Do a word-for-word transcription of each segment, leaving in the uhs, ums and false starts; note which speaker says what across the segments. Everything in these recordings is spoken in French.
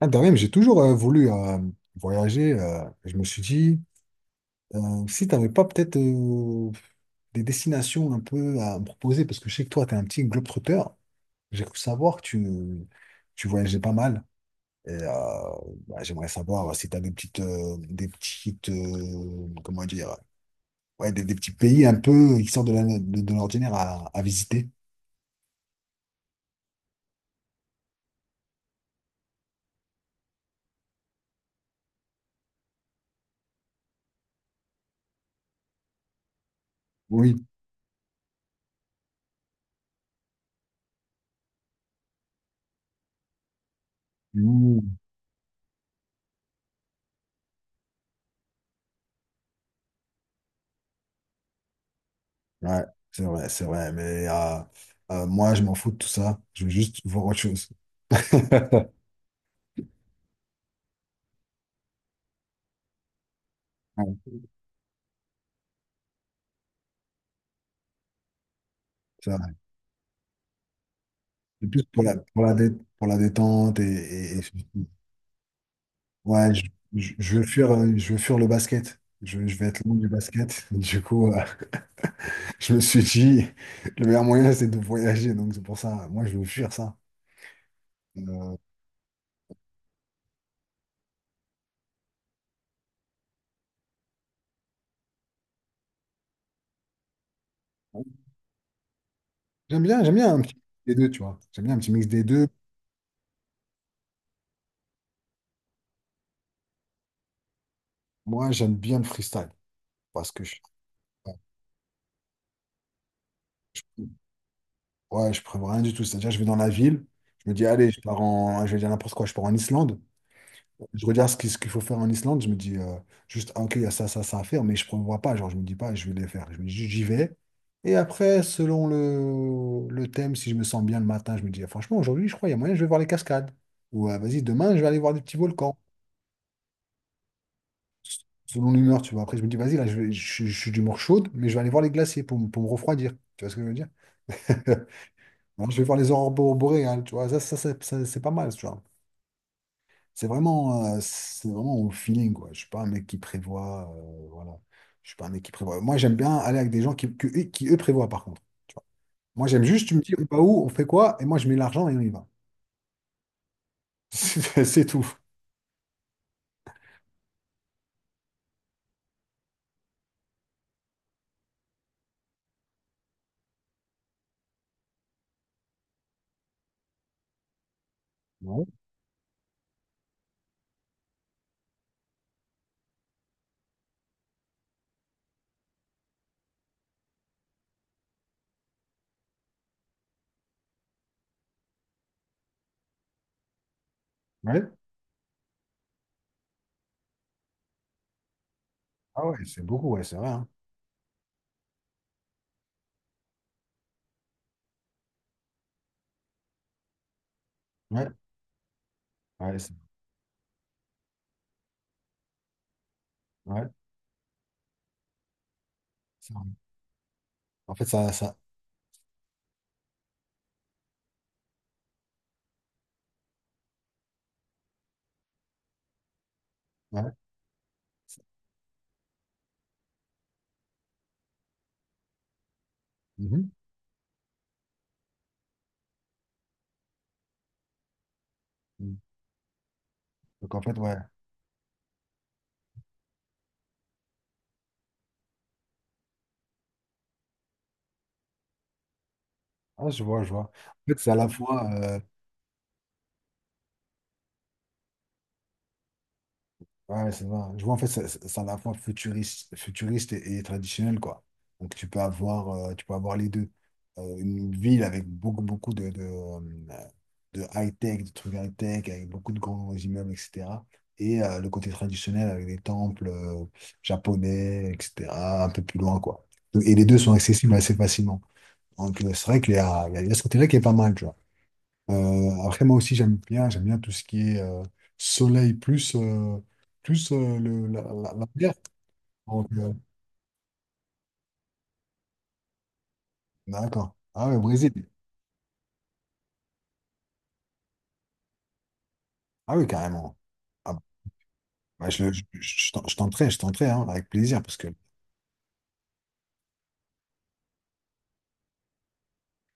Speaker 1: Ah, de même, j'ai toujours euh, voulu euh, voyager. Euh, je me suis dit, euh, si tu n'avais pas peut-être euh, des destinations un peu à me proposer, parce que je sais que toi, tu es un petit globetrotter, j'ai cru savoir que tu, tu voyageais pas mal. Et euh, bah, j'aimerais savoir si tu as des petites, euh, des petites euh, comment dire, ouais, des, des petits pays un peu qui sortent de la- de- de l'ordinaire à, à visiter. Oui. Mmh. Ouais, c'est vrai, c'est vrai. Mais euh, euh, moi, je m'en fous de tout ça. Je veux juste voir autre chose. Ouais, c'est vrai. C'est plus pour la, pour la, dé- pour la détente et, et- et ouais, je, je, je veux fuir, euh, je veux fuir le basket. Je, je vais être loin du basket. Du coup, euh, je me suis dit, le meilleur moyen, c'est de voyager. Donc, c'est pour ça, moi, je veux fuir ça. Euh, J'aime bien, j'aime bien un petit mix des deux, tu vois. J'aime bien un petit mix des deux. Moi, j'aime bien le freestyle parce que je, ouais, je prévois rien du tout. C'est-à-dire, je vais dans la ville, je me dis, allez, je pars en, je vais dire n'importe quoi, je pars en Islande. Je regarde ce qu'il ce qu'il faut faire en Islande, je me dis euh, juste, ah, ok, il y a ça, ça, ça à faire, mais je ne prévois pas, genre, je me dis pas, je vais les faire. Je me dis juste, j'y vais. Et après, selon le, le thème, si je me sens bien le matin, je me dis, ah, franchement, aujourd'hui, je crois, il y a moyen, je vais voir les cascades. Ou ah, vas-y, demain, je vais aller voir des petits volcans. S- Selon l'humeur, tu vois. Après, je me dis, vas-y, là, je, vais- je, suis je suis d'humeur chaude, mais je vais aller voir les glaciers pour, me- pour me refroidir. Tu vois ce que je veux dire? Alors, je vais voir les aurores boré- boréales, tu vois. Ça, ça, ça- ça, c'est pas mal, tu vois. C'est vraiment, euh, c'est vraiment au feeling, quoi. Je suis pas un mec qui prévoit, euh, voilà. Je suis pas un mec qui prévoit. Moi, j'aime bien aller avec des gens qui, que- qui eux, prévoient, par contre. Tu vois. Moi, j'aime juste, tu me dis, on va où, on fait quoi, et moi, je mets l'argent et on y va. C'est c'est tout. Ouais. Ouais. Ah ouais, c'est beaucoup, ouais, c'est vrai, hein. Ouais. Ouais, c'est ouais, c'est vrai. En fait, ça, ça, ouais. Mhm. Donc, en fait, ouais. Ah, je vois, je vois. En fait, c'est à la fois, euh, ouais, c'est vrai. Je vois, en fait, c'est c'est- c'est à la fois futuriste, futuriste et, et traditionnel, quoi. Donc, tu peux avoir, euh, tu peux avoir les deux. Euh, une ville avec beaucoup, beaucoup de, de, euh, de high-tech, de trucs high-tech, avec beaucoup de grands immeubles, et cetera. Et euh, le côté traditionnel avec des temples euh, japonais, et cetera, un peu plus loin, quoi. Et les deux sont accessibles assez facilement. Donc, euh, c'est vrai qu'il y a, il y a il y a ce côté-là qui est pas mal, euh, après, moi aussi, j'aime bien, j'aime bien tout ce qui est euh, soleil plus, euh, plus euh, le, la, la, la mer. Donc, euh, d'accord. Ah oui, Brésil. Ah oui, carrément. Ah, bah, bah, je, je, je, t'en- je tenterai, je tenterai, hein, avec plaisir, parce que...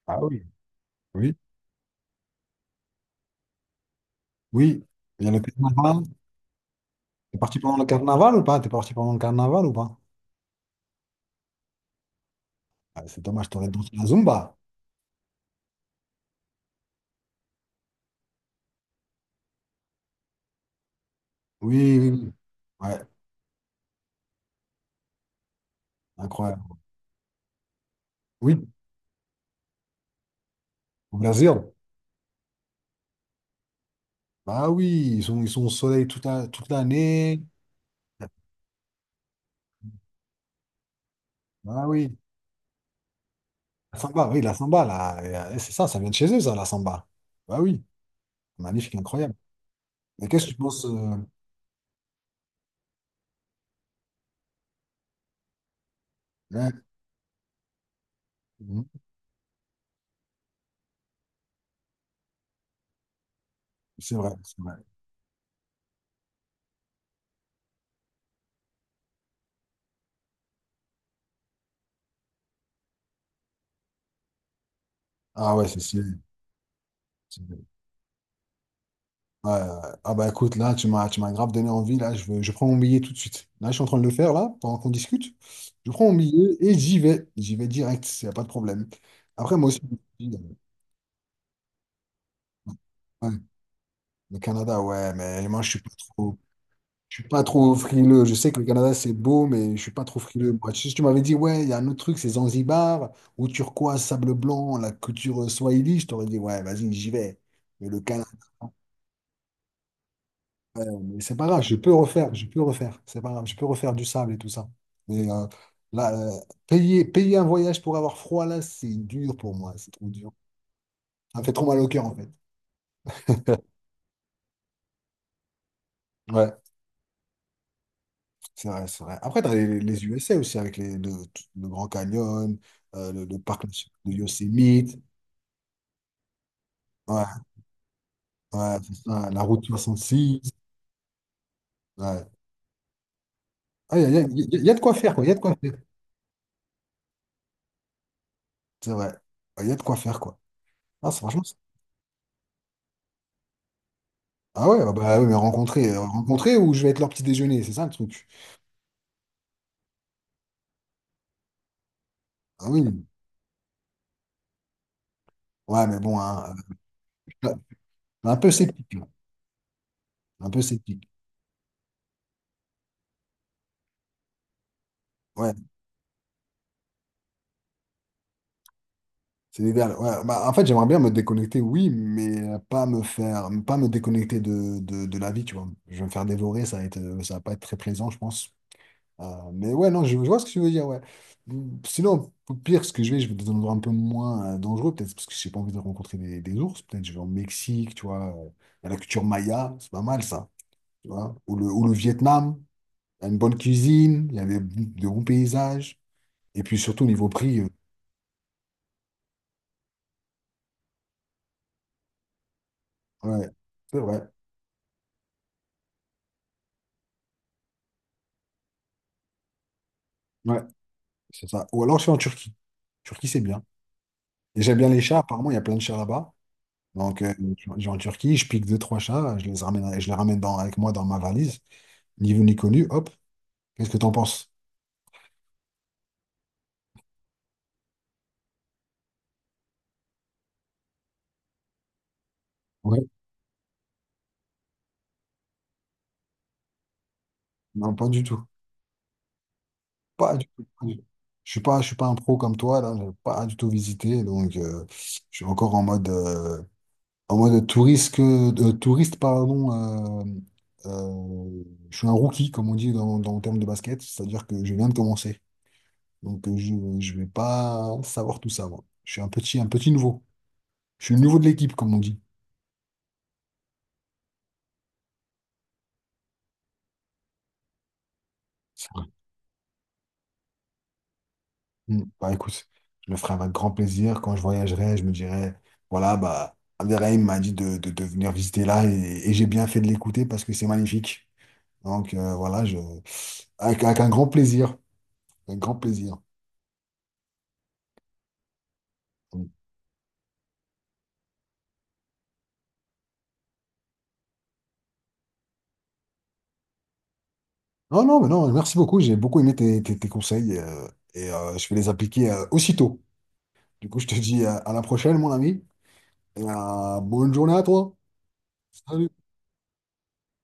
Speaker 1: Ah oui. Oui, oui. Il y a le carnaval. T'es parti pendant le carnaval ou pas? T'es parti pendant le carnaval ou pas? Ah, c'est dommage, t'aurais dansé la Zumba. Oui, oui, oui. Ouais, incroyable. Oui, au Brésil. Bah oui, ils sont, ils sont au soleil toute la- toute l'année. Ah oui. La samba, oui, la samba, là, et, euh, c'est ça, ça vient de chez eux, ça, la samba. Bah oui, magnifique, incroyable. Mais qu'est-ce que tu penses, euh, hein, mhm. C'est vrai, c'est vrai. Ah ouais, c'est c'est- c'est- ouais, euh, ah bah écoute, là, tu m'as, tu m'as grave donné envie, là, je veux, je prends mon billet tout de suite. Là, je suis en train de le faire, là, pendant qu'on discute. Je prends mon billet et j'y vais. J'y vais direct, il n'y a pas de problème. Après, moi aussi, je me dis, euh, ouais, le Canada, ouais, mais moi, je suis pas trop. Je suis pas trop frileux. Je sais que le Canada, c'est beau, mais je suis pas trop frileux. Moi, si tu m'avais dit, ouais, il y a un autre truc, c'est Zanzibar, ou turquoise, sable blanc, la culture euh, swahili, je t'aurais dit, ouais, vas-y, j'y vais. Mais le Canada, ouais, mais c'est pas grave, je peux refaire, je peux refaire. C'est pas grave, je peux refaire du sable et tout ça. Mais euh, là, euh, payer, payer un voyage pour avoir froid, là, c'est dur pour moi, c'est trop dur. Ça me fait trop mal au cœur, en fait. Ouais, c'est vrai, c'est vrai. Après, tu as les, les U S A aussi, avec les, le, le Grand Canyon, euh, le, le parc national de Yosemite. Ouais, ouais, c'est ça, la route soixante-six. Ouais. Ah, il y a, y a- y a- y a de quoi faire, quoi. Il y a de quoi faire. C'est vrai. Ouais, il y a de quoi faire, quoi. Ah, c'est- franchement. c'est- Ah ouais, bah, bah oui, mais rencontrer, euh, rencontrer ou je vais être leur petit déjeuner, c'est ça le truc. Ah oui. Ouais, mais bon, hein, euh, un peu sceptique, là. Un peu sceptique. Ouais, c'est l'idéal. Ouais, bah, en fait, j'aimerais bien me déconnecter, oui, mais pas me faire, pas me déconnecter de, de, de la vie, tu vois. Je vais me faire dévorer, ça va être, euh, ça va pas être très plaisant, je pense. Euh, mais ouais, non, je, je vois ce que tu veux dire, ouais. Mm, sinon, au pire, ce que je vais, je vais dans un endroit un peu moins euh, dangereux, peut-être parce que j'ai pas envie de rencontrer des, des ours. Peut-être je vais au Mexique, tu vois, euh, à la culture maya, c'est pas mal ça, tu vois. Ou le, ou le Vietnam, il y a une bonne cuisine, il y a des de bons paysages. Et puis surtout, niveau prix, euh, ouais, c'est vrai, ouais, c'est ça. Ou alors je vais en Turquie. Turquie, c'est bien. Et j'aime bien les chats, apparemment, il y a plein de chats là-bas. Donc, euh, je vais en Turquie, je pique deux, trois chats, je les ramène, je les ramène dans, avec moi dans ma valise. Niveau ni connu, hop. Qu'est-ce que t'en penses? Ouais. Non, pas du tout. Pas du tout, pas du tout. Je suis pas, je suis pas un pro comme toi, là. J'ai pas du tout visité. Donc, euh, je suis encore en mode, euh, en mode touriste, que, de touriste, pardon. euh, euh, je suis un rookie, comme on dit dans, dans le terme de basket. C'est-à-dire que je viens de commencer. Donc, euh, je, je vais pas savoir tout ça, moi. Je suis un petit, un petit nouveau. Je suis le nouveau de l'équipe, comme on dit. Mm. Bah écoute, je le ferai avec grand plaisir. Quand je voyagerai, je me dirai, voilà, bah, Abderrahim m'a dit de, de, de venir visiter là et, et j'ai bien fait de l'écouter parce que c'est magnifique. Donc euh, voilà, je... avec, avec un grand plaisir. Un grand plaisir. Mm. Non, non, mais non, merci beaucoup. J'ai beaucoup aimé tes, tes, tes conseils, euh, et euh, je vais les appliquer euh, aussitôt. Du coup, je te dis, euh, à la prochaine, mon ami. Et euh, bonne journée à toi. Salut.